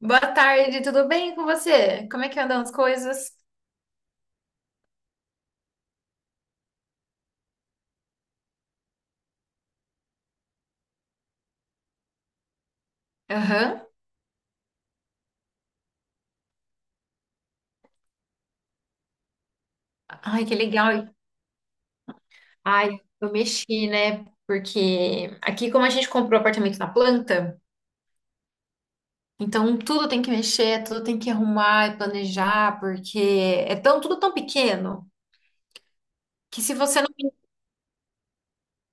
Boa tarde, tudo bem com você? Como é que andam as coisas? Aham. Ai, que legal. Ai, eu mexi, né? Porque aqui, como a gente comprou apartamento na planta, então tudo tem que mexer, tudo tem que arrumar e planejar, porque é tão, tudo tão pequeno que se você não.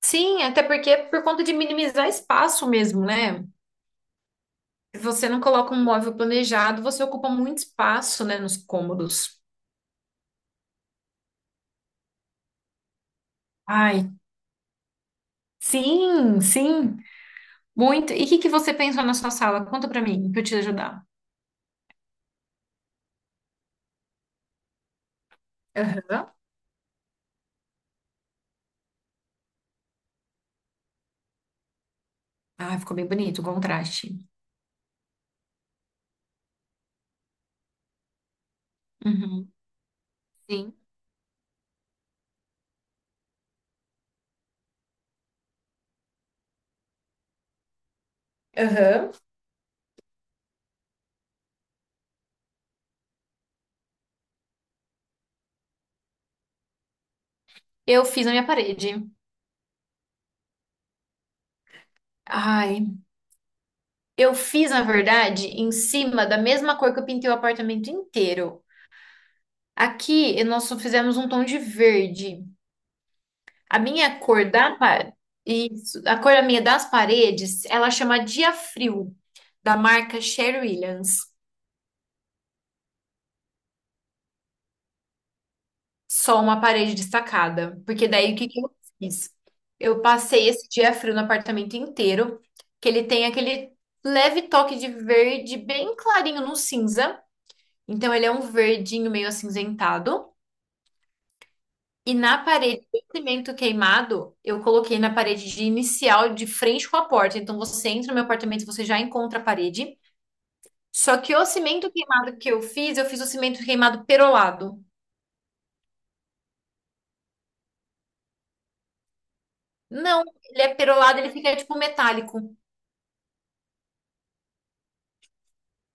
Sim, até porque é por conta de minimizar espaço mesmo, né? Se você não coloca um móvel planejado, você ocupa muito espaço, né, nos cômodos. Ai, sim, sim. Muito. E o que que você pensou na sua sala? Conta pra mim, pra eu te ajudar. Aham. Ah, ficou bem bonito o contraste. Uhum. Sim. Aham. Eu fiz na minha parede. Ai, eu fiz, na verdade, em cima da mesma cor que eu pintei o apartamento inteiro. Aqui nós só fizemos um tom de verde. A minha cor da pa- Isso, a cor da minha das paredes, ela chama Dia Frio, da marca Sherwin Williams. Só uma parede destacada. Porque daí o que que eu fiz? Eu passei esse dia frio no apartamento inteiro, que ele tem aquele leve toque de verde bem clarinho no cinza. Então ele é um verdinho meio acinzentado. E na parede do cimento queimado, eu coloquei na parede de inicial de frente com a porta. Então você entra no meu apartamento, e você já encontra a parede. Só que o cimento queimado que eu fiz o cimento queimado perolado. Não, ele é perolado, ele fica tipo metálico.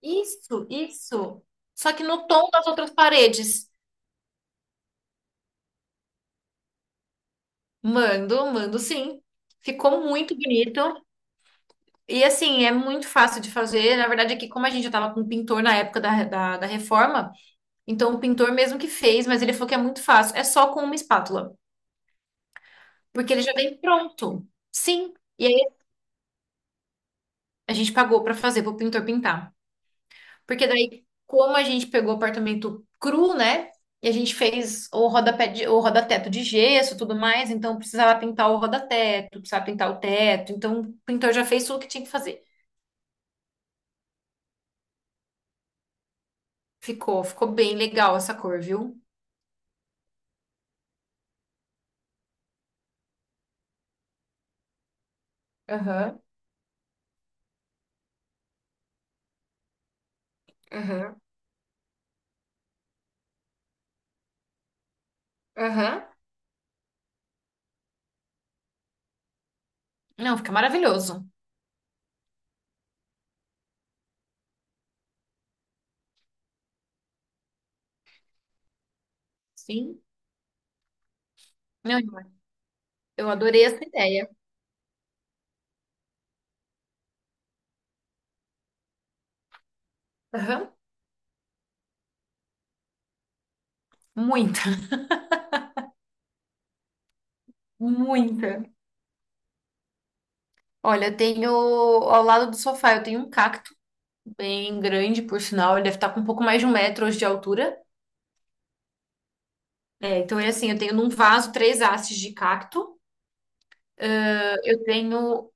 Isso, isso. Só que no tom das outras paredes. Mando, mando sim. Ficou muito bonito. E assim, é muito fácil de fazer. Na verdade, aqui, como a gente já estava com um pintor na época da reforma, então o pintor mesmo que fez, mas ele falou que é muito fácil. É só com uma espátula. Porque ele já vem pronto. Sim. E aí a gente pagou para fazer, para o pintor pintar. Porque daí, como a gente pegou o apartamento cru, né? E a gente fez o rodapé de, o rodateto de gesso, e tudo mais, então precisava pintar o rodateto, precisava pintar o teto. Então, o pintor já fez tudo que tinha que fazer. Ficou, ficou bem legal essa cor, viu? Aham, aham, aham. Não, fica maravilhoso. Sim. Não, eu adorei essa ideia. Aham. Muita, muita. Olha, eu tenho ao lado do sofá, eu tenho um cacto bem grande, por sinal, ele deve estar com um pouco mais de 1 metro hoje de altura. É, então é assim, eu tenho num vaso 3 hastes de cacto, eu tenho,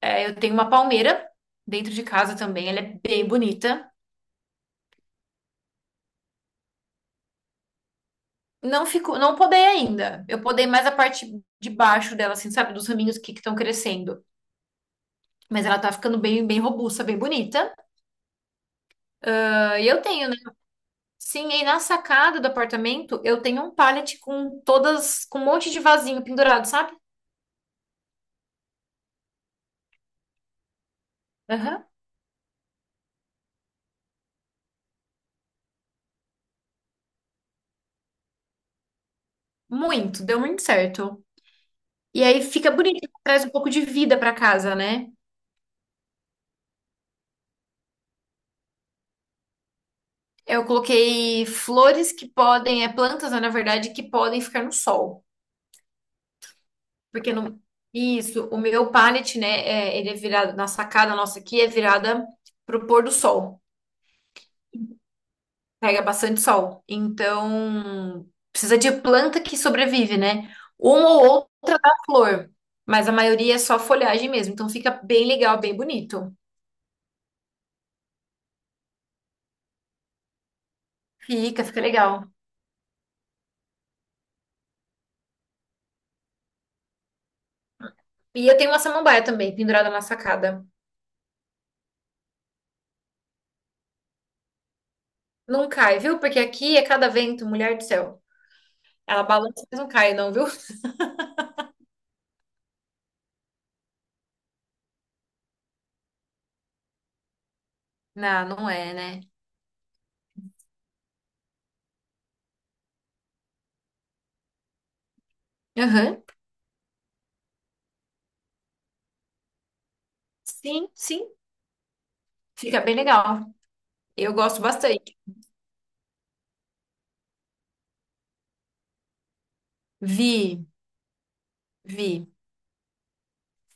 eu tenho uma palmeira dentro de casa também, ela é bem bonita. Não ficou, não podei ainda. Eu podei mais a parte de baixo dela, assim, sabe, dos raminhos que estão crescendo. Mas ela tá ficando bem, bem robusta, bem bonita. E eu tenho, né? Sim, e na sacada do apartamento eu tenho um pallet com todas, com um monte de vasinho pendurado, sabe? Aham. Muito, deu muito certo. E aí fica bonito, traz um pouco de vida pra casa, né? Eu coloquei flores que podem, é plantas, né, na verdade, que podem ficar no sol. Porque no, isso, o meu pallet, né, ele é virado, na sacada nossa aqui, é virada pro pôr do sol. Pega bastante sol. Então, precisa de planta que sobrevive, né? Uma ou outra dá flor, mas a maioria é só folhagem mesmo. Então, fica bem legal, bem bonito. Fica, fica legal. E eu tenho uma samambaia também, pendurada na sacada. Não cai, viu? Porque aqui é cada vento, mulher do céu. Ela balança, mas não cai, não, viu? Não, não é, né? Aham. Sim, sim. Fica bem legal. Eu gosto bastante. Vi, vi.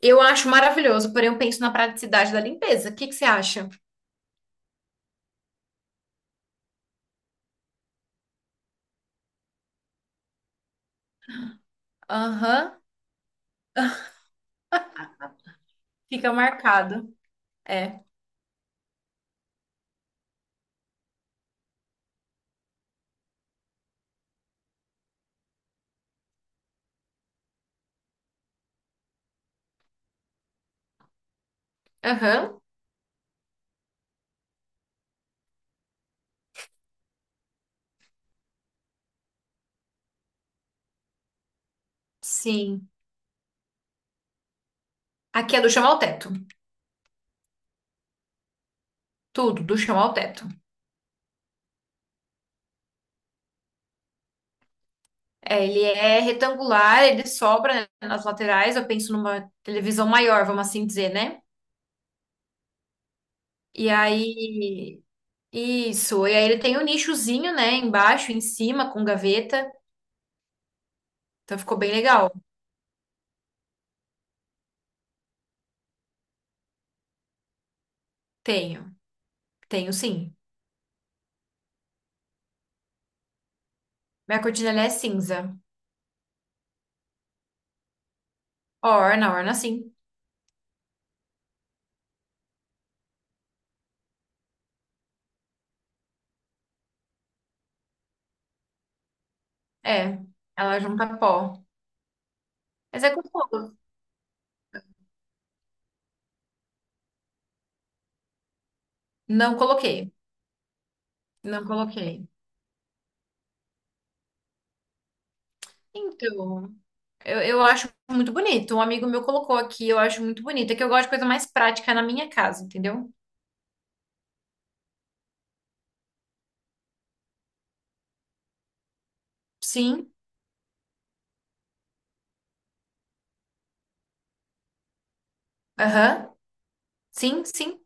Eu acho maravilhoso, porém eu penso na praticidade da limpeza. O que que você acha? Aham. Fica marcado. É. Aham. Sim. Aqui é do chão ao teto. Tudo, do chão ao teto. É, ele é retangular, ele sobra, né, nas laterais. Eu penso numa televisão maior, vamos assim dizer, né? E aí isso. E aí ele tem o nichozinho, né? Embaixo, em cima, com gaveta. Então ficou bem legal. Tenho. Tenho sim. Minha cortina ela é cinza. Orna, orna sim. É. Ela junta pó. Mas é gostoso. Não coloquei. Não coloquei. Então, eu acho muito bonito. Um amigo meu colocou aqui, eu acho muito bonito. É que eu gosto de coisa mais prática na minha casa, entendeu? Sim. Aham. Sim, sim.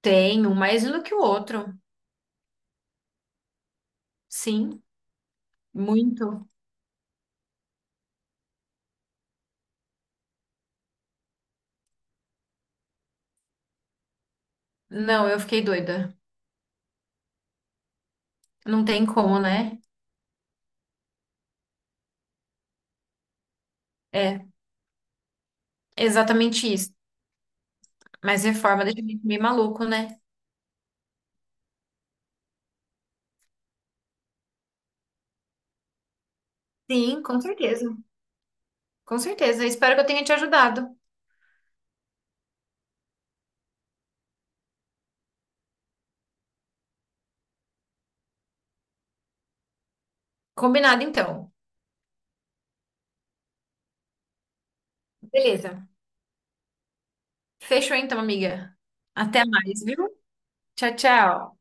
Tenho, mais um do que o outro. Sim, muito. Não, eu fiquei doida. Não tem como, né? É, exatamente isso. Mas reforma deixa a gente meio maluco, né? Sim, com certeza. Com certeza. Espero que eu tenha te ajudado. Combinado, então. Beleza. Fechou, então, amiga. Até mais, viu? Tchau, tchau.